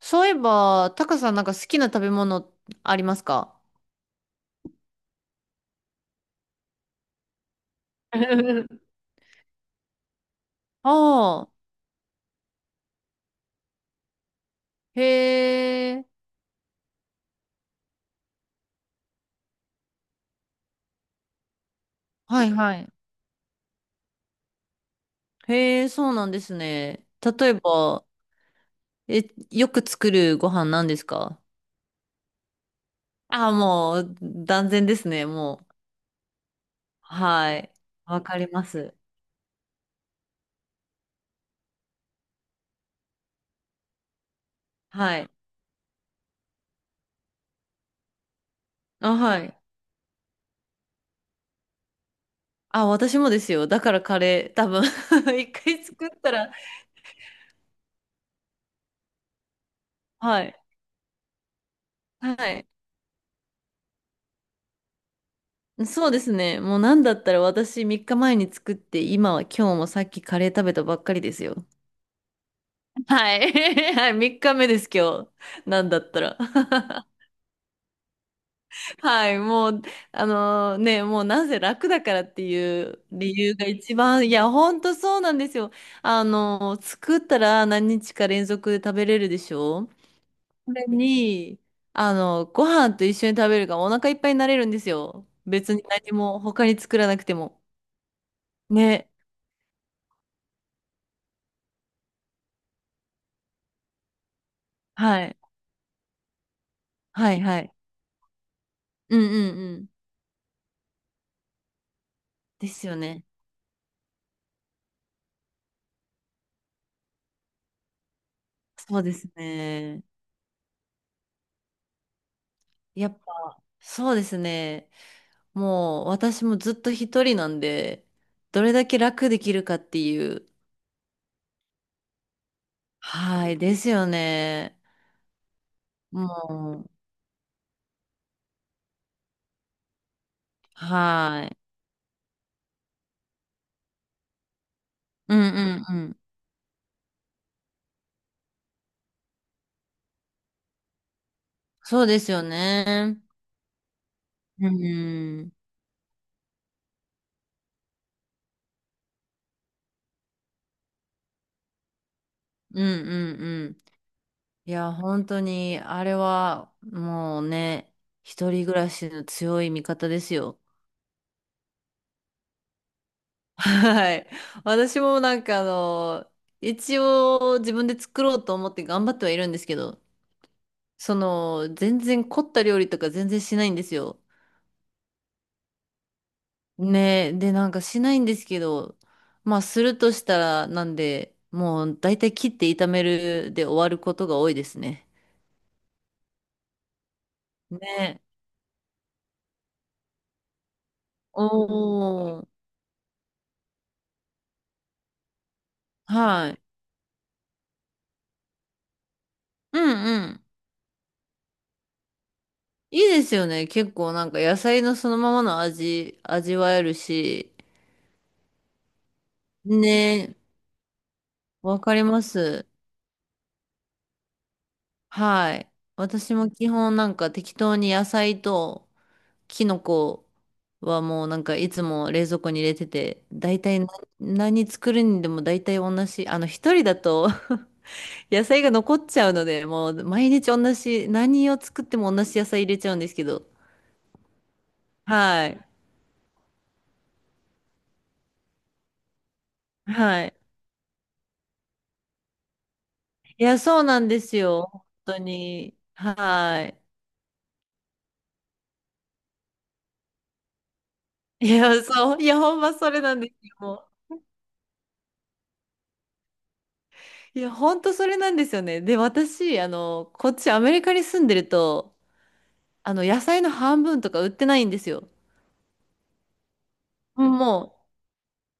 そういえば、タカさんなんか好きな食べ物ありますか？ ああ、へえ、はいはい。へえ、そうなんですね。例えば、え、よく作るご飯なんですか？ああ、もう、断然ですね、もう。はい。わかります。はい。あ、はい。あ、私もですよ。だからカレー、多分 一回作ったら、はい。はい。そうですね。もうなんだったら私3日前に作って、今は今日もさっきカレー食べたばっかりですよ。はい。はい、3日目です今日。なんだったら。はい、もう、あのね、もうなぜ楽だからっていう理由が一番、いや、ほんとそうなんですよ。あの作ったら何日か連続で食べれるでしょ？これに、あの、ご飯と一緒に食べるからお腹いっぱいになれるんですよ。別に何も他に作らなくても。ね。はい。はいはい。うんうんうん。ですよね。そうですね。やっぱ、そうですね。もう私もずっと一人なんで、どれだけ楽できるかっていう。はい、ですよね。もう、はい。うんうんうん。そうですよね。うん。うんうんうん。いや、本当に、あれは、もうね、一人暮らしの強い味方ですよ。はい。私もなんかあの、一応自分で作ろうと思って頑張ってはいるんですけど、その、全然凝った料理とか全然しないんですよ。ねえ。で、なんかしないんですけど、まあするとしたらなんで、もう大体切って炒めるで終わることが多いですね。ねおー。はい。うんうん。いいですよね。結構なんか野菜のそのままの味、味わえるし。ねえ。わかります。はい。私も基本なんか適当に野菜とキノコはもうなんかいつも冷蔵庫に入れてて、大体な何作るにでも大体同じ。あの一人だと 野菜が残っちゃうので、もう毎日同じ、何を作っても同じ野菜入れちゃうんですけど。はい。はい。いや、そうなんですよ。本当に。はい。いや、そう。いや、ほんまそれなんですよ。いや、ほんとそれなんですよね。で、私、あの、こっちアメリカに住んでると、あの、野菜の半分とか売ってないんですよ。も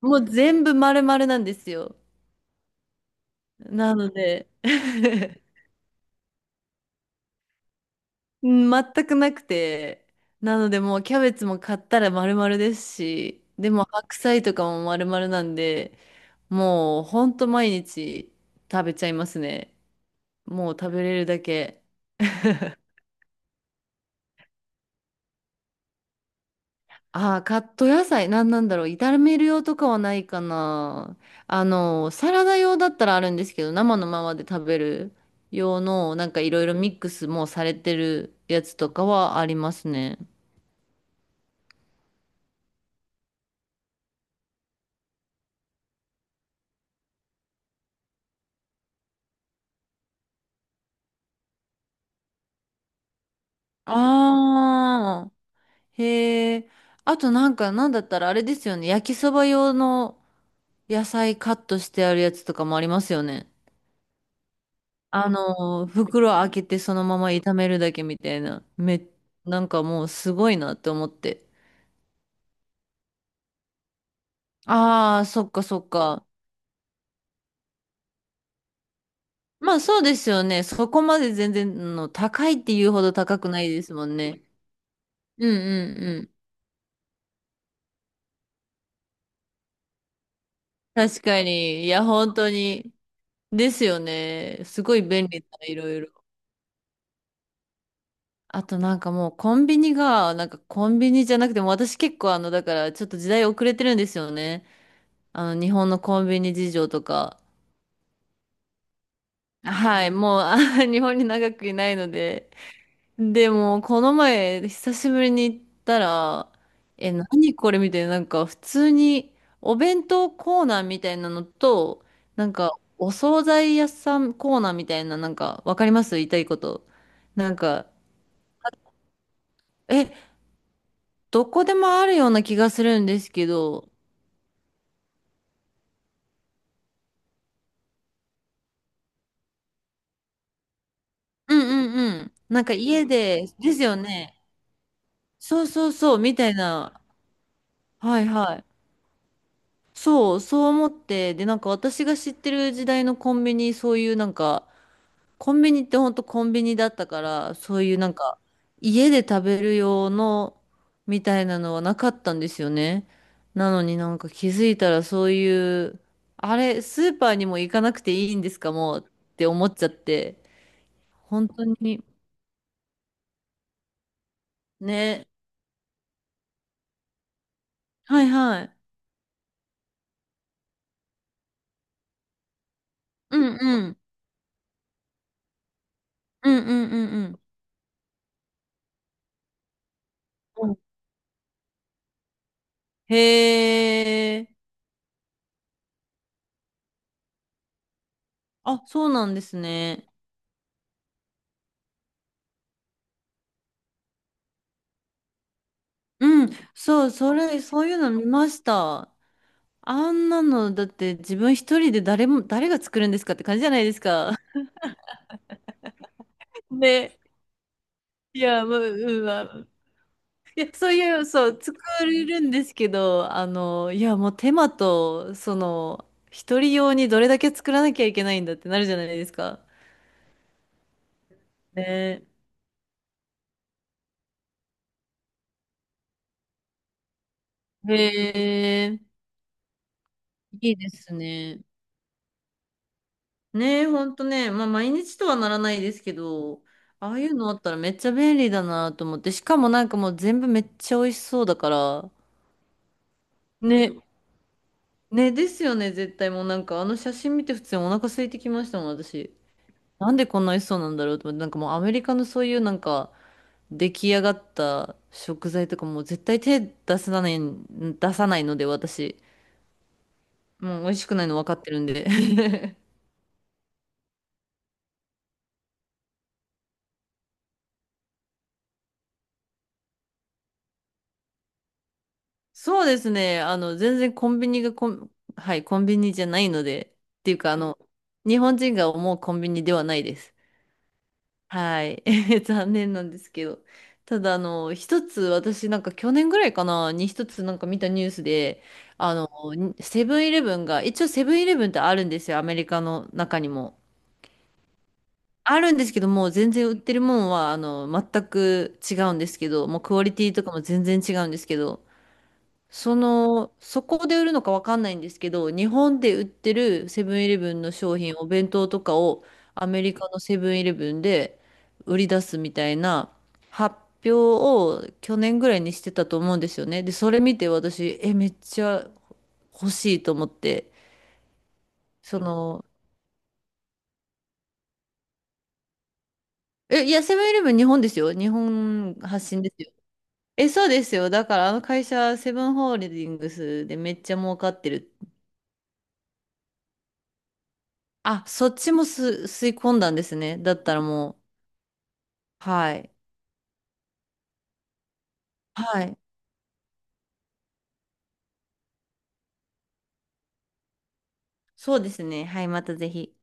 もう全部丸々なんですよ。なので、全くなくて、なのでもうキャベツも買ったら丸々ですし、でも白菜とかも丸々なんで、もうほんと毎日食べちゃいますね。もう食べれるだけ。ああ、カット野菜、なんなんだろう。炒める用とかはないかな。あの、サラダ用だったらあるんですけど、生のままで食べる用の、なんかいろいろミックスもされてるやつとかはありますね。ああ、へえ。あとなんか、なんだったらあれですよね。焼きそば用の野菜カットしてあるやつとかもありますよね。袋開けてそのまま炒めるだけみたいな。なんかもうすごいなって思って。ああ、そっかそっか。まあそうですよね。そこまで全然の高いっていうほど高くないですもんね。うんうんうん。確かに。いや、本当に。ですよね。すごい便利だ、いろいろ。あとなんかもうコンビニが、なんかコンビニじゃなくても私結構あの、だからちょっと時代遅れてるんですよね。あの、日本のコンビニ事情とか。はい、もうあ 日本に長くいないので。でも、この前、久しぶりに行ったら、え、何これみたいな、なんか普通にお弁当コーナーみたいなのと、なんかお惣菜屋さんコーナーみたいな、なんかわかります言いたいこと。なんか、え、どこでもあるような気がするんですけど、うんうんうん。なんか家で、ですよね。そうそうそう、みたいな。はいはい。そう、そう思って、で、なんか私が知ってる時代のコンビニ、そういうなんか、コンビニってほんとコンビニだったから、そういうなんか、家で食べる用のみたいなのはなかったんですよね。なのになんか気づいたらそういう、あれ、スーパーにも行かなくていいんですかもうって思っちゃって、本当に、ね。はいはい。うんうん。うんうんうんうん。うんへえ。あ、そうなんですね。うん。そう、それ、そういうの見ました。あんなの、だって自分一人で誰も、誰が作るんですかって感じじゃないですか。ね。いや、もう、うん、まあいや、そういう、そう、作れるんですけど、あの、いや、もう手間と、その、一人用にどれだけ作らなきゃいけないんだってなるじゃないですか。ね。へえ、いいですね。ねえ、ほんとね、まあ、毎日とはならないですけど、ああいうのあったらめっちゃ便利だなと思って、しかもなんかもう全部めっちゃ美味しそうだから、ね、ね、ですよね、絶対もうなんかあの写真見て普通にお腹空いてきましたもん、私。なんでこんな美味しそうなんだろうと思って、なんかもうアメリカのそういうなんか出来上がった食材とかもう絶対手出さない、出さないので私、もう美味しくないの分かってるんで。そうですね、あの全然コンビニがコン、はい、コンビニじゃないので、っていうかあの、日本人が思うコンビニではないです。はい。残念なんですけど。ただ、あの、一つ、私、なんか去年ぐらいかな、に一つなんか見たニュースで、あの、セブンイレブンが、一応セブンイレブンってあるんですよ、アメリカの中にも。あるんですけども、う全然売ってるもんは、あの、全く違うんですけど、もうクオリティとかも全然違うんですけど、その、そこで売るのかわかんないんですけど、日本で売ってるセブンイレブンの商品、お弁当とかをアメリカのセブンイレブンで売り出すみたいな発表を去年ぐらいにしてたと思うんですよね。で、それ見て私、え、めっちゃ欲しいと思って、その、え、いや、セブンイレブン日本ですよ。日本発信ですよ。え、そうですよ。だからあの会社、セブンホールディングスでめっちゃ儲かってるってあ、そっちも吸い込んだんですね。だったらもう、はい。はい。そうですね。はい、またぜひ。